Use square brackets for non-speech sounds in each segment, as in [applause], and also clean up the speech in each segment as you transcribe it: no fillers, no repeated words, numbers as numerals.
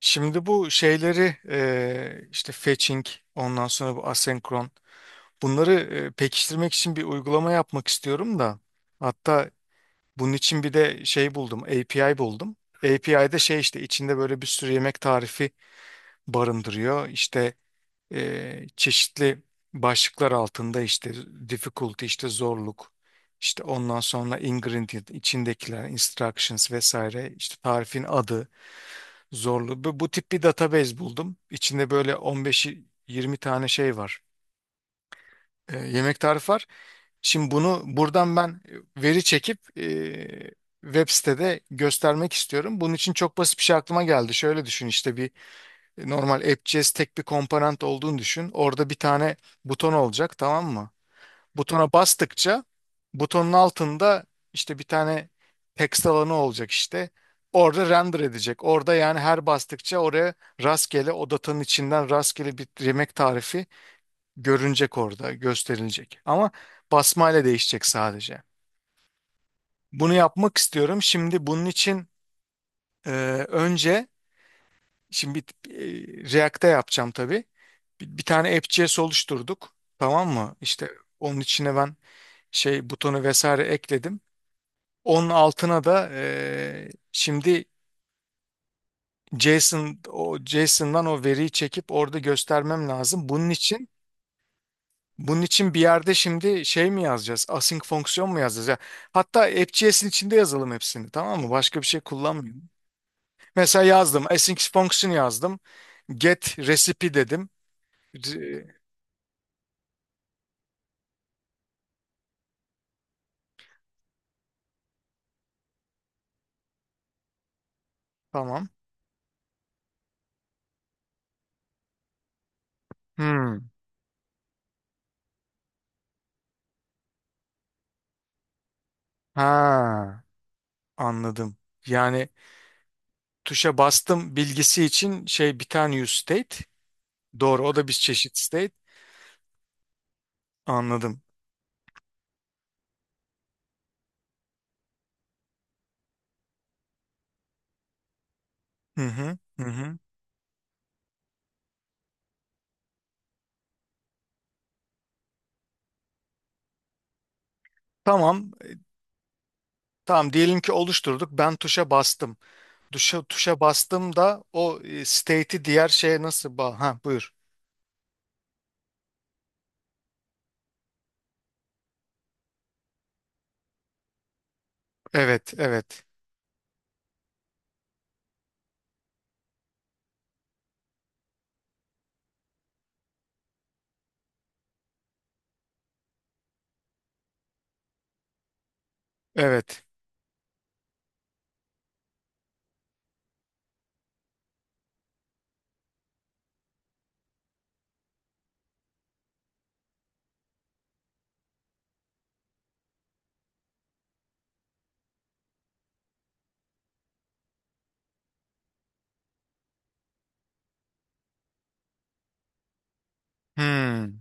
Şimdi bu şeyleri işte fetching ondan sonra bu asenkron bunları pekiştirmek için bir uygulama yapmak istiyorum da hatta bunun için bir de şey buldum API buldum. API'de şey işte içinde böyle bir sürü yemek tarifi barındırıyor. İşte çeşitli başlıklar altında işte difficulty işte zorluk işte ondan sonra ingredient içindekiler instructions vesaire işte tarifin adı Zorlu. Bu tip bir database buldum. İçinde böyle 15-20 tane şey var. Yemek tarifi var. Şimdi bunu buradan ben veri çekip web sitede göstermek istiyorum. Bunun için çok basit bir şey aklıma geldi. Şöyle düşün, işte bir normal App.js tek bir komponent olduğunu düşün. Orada bir tane buton olacak, tamam mı? Butona bastıkça butonun altında işte bir tane text alanı olacak işte. Orada render edecek. Orada yani her bastıkça oraya rastgele o datanın içinden rastgele bir yemek tarifi görünecek orada, gösterilecek. Ama basmayla değişecek sadece. Bunu yapmak istiyorum. Şimdi bunun için e, önce şimdi React'te yapacağım tabii. Bir tane app.js oluşturduk. Tamam mı? İşte onun içine ben şey butonu vesaire ekledim. Onun altına da şimdi JSON'dan o veriyi çekip orada göstermem lazım. Bunun için bir yerde şimdi şey mi yazacağız? Async fonksiyon mu yazacağız? Ya, hatta AppJS'in içinde yazalım hepsini, tamam mı? Başka bir şey kullanmıyorum. Mesela yazdım. Async fonksiyon yazdım. Get recipe dedim. Re- Tamam. Hmm. Ha, anladım. Yani tuşa bastım bilgisi için şey bir tane use state. Doğru, o da bir çeşit state. Anladım. Hı hı, hı hı. Tamam, tamam, diyelim ki oluşturduk. Ben tuşa bastım. Tuşa bastım da o state'i diğer şeye nasıl ha, buyur. Evet, evet. Evet. Hmm.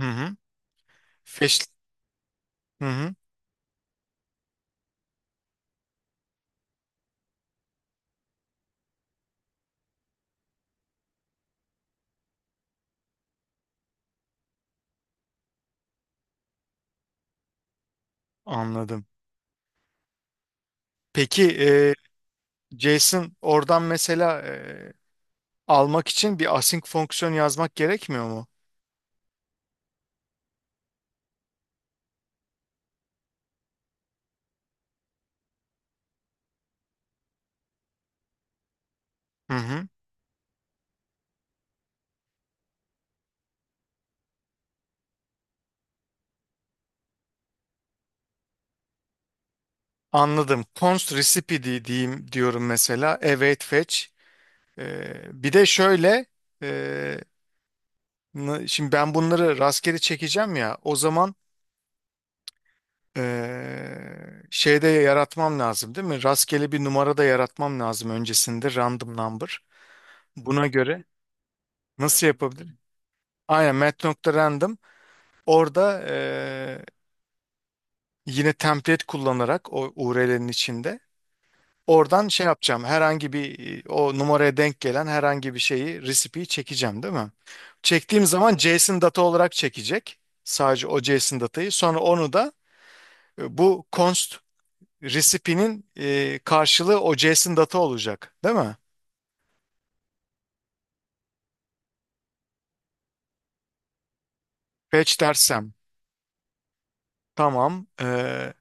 Hı hı. Feş hı hı. Anladım. Peki e, JSON oradan mesela almak için bir async fonksiyon yazmak gerekmiyor mu? Hı hı. Anladım. Const recipe diyeyim diyorum mesela. Await fetch. Bir de şöyle e, şimdi ben bunları rastgele çekeceğim ya, o zaman şeyde yaratmam lazım değil mi? Rastgele bir numara da yaratmam lazım öncesinde, random number. Buna göre nasıl yapabilirim? Aynen, mat.random orada yine template kullanarak o URL'nin içinde oradan şey yapacağım, herhangi bir o numaraya denk gelen herhangi bir şeyi, recipe'yi çekeceğim değil mi? Çektiğim zaman JSON data olarak çekecek. Sadece o JSON datayı. Sonra onu da bu const recipe'nin karşılığı o JSON data olacak, değil mi? Fetch dersem. Tamam.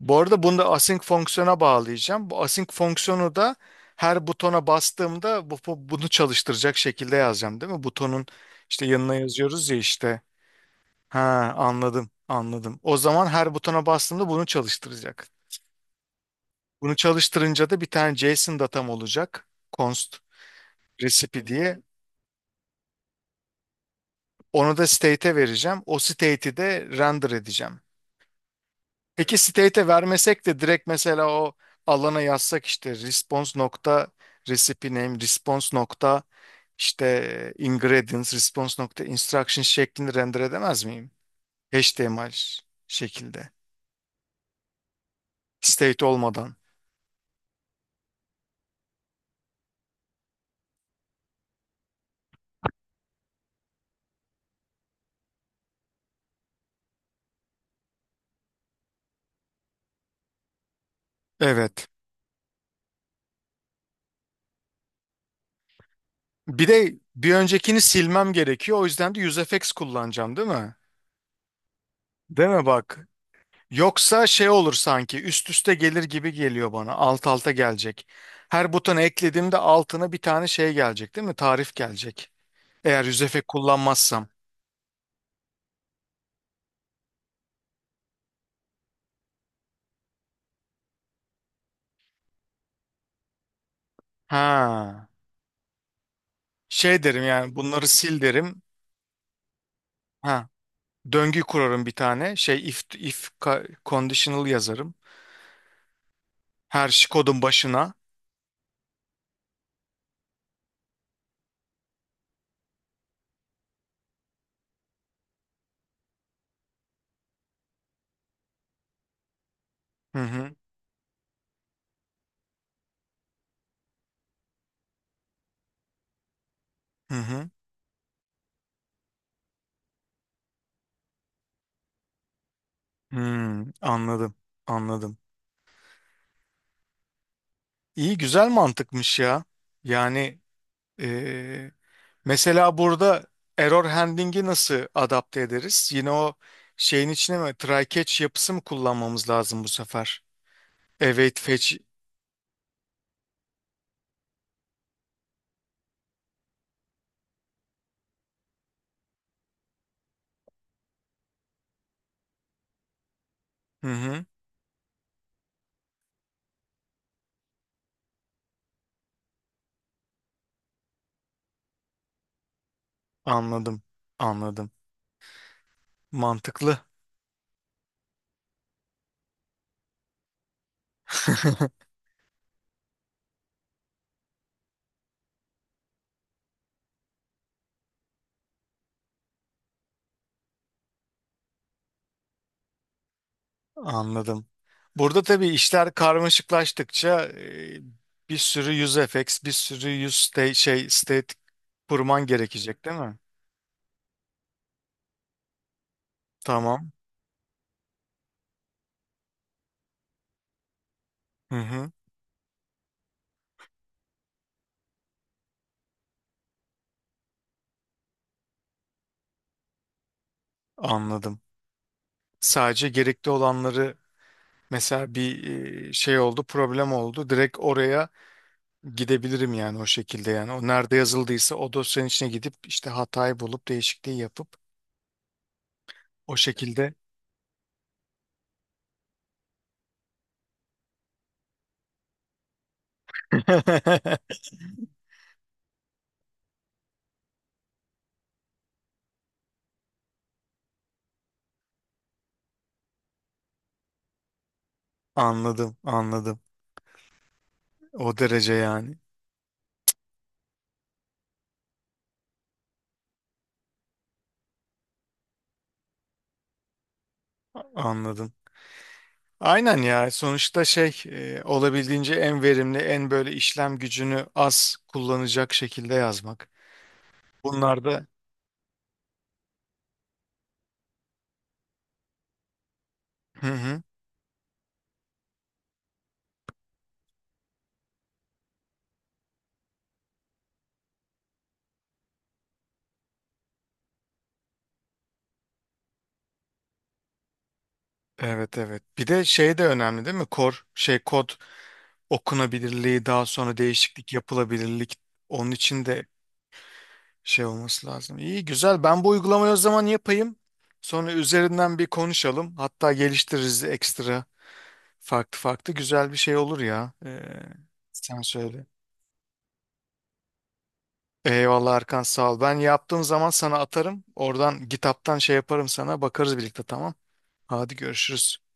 Bu arada bunu da async fonksiyona bağlayacağım. Bu async fonksiyonu da her butona bastığımda bunu çalıştıracak şekilde yazacağım, değil mi? Butonun işte yanına yazıyoruz ya işte. Ha, anladım, anladım. O zaman her butona bastığımda bunu çalıştıracak. Bunu çalıştırınca da bir tane JSON datam olacak. Const recipe diye. Onu da state'e vereceğim. O state'i de render edeceğim. Peki state'e vermesek de direkt mesela o alana yazsak işte response nokta recipe name, response nokta işte ingredients, response nokta instruction şeklinde render edemez miyim? HTML şekilde. State olmadan. Evet. Bir de bir öncekini silmem gerekiyor. O yüzden de UseEffects kullanacağım değil mi? Değil mi bak? Yoksa şey olur, sanki üst üste gelir gibi geliyor bana. Alt alta gelecek. Her butona eklediğimde altına bir tane şey gelecek değil mi? Tarif gelecek. Eğer yüzefe kullanmazsam. Ha. Şey derim, yani bunları sil derim. Ha. Döngü kurarım bir tane. Şey, if conditional yazarım. Her şey kodun başına. Hı hı. Hı hı. Anladım. Anladım. İyi, güzel mantıkmış ya. Yani eee, mesela burada error handling'i nasıl adapte ederiz? Yine o şeyin içine mi, try catch yapısı mı kullanmamız lazım bu sefer? Await fetch. Hı hı. Anladım. Anladım. Mantıklı. Anladım. Burada tabii işler karmaşıklaştıkça bir sürü use effects, bir sürü use state, şey state kurman gerekecek değil mi? Tamam. Hı hı. Anladım. Sadece gerekli olanları, mesela bir şey oldu, problem oldu. Direkt oraya gidebilirim yani, o şekilde yani. O nerede yazıldıysa o dosyanın içine gidip işte hatayı bulup değişikliği yapıp o şekilde. [laughs] Anladım, anladım. O derece yani. Anladım. Aynen ya, sonuçta şey, olabildiğince en verimli, en böyle işlem gücünü az kullanacak şekilde yazmak. Bunlar da hı hı. Evet, evet. Bir de şey de önemli değil mi? Kor şey kod okunabilirliği, daha sonra değişiklik yapılabilirlik, onun için de şey olması lazım. İyi, güzel. Ben bu uygulamayı o zaman yapayım. Sonra üzerinden bir konuşalım. Hatta geliştiririz ekstra, farklı farklı. Güzel bir şey olur ya. Sen söyle. Eyvallah Erkan, sağ ol. Ben yaptığım zaman sana atarım. Oradan kitaptan şey yaparım sana. Bakarız birlikte, tamam. Hadi görüşürüz.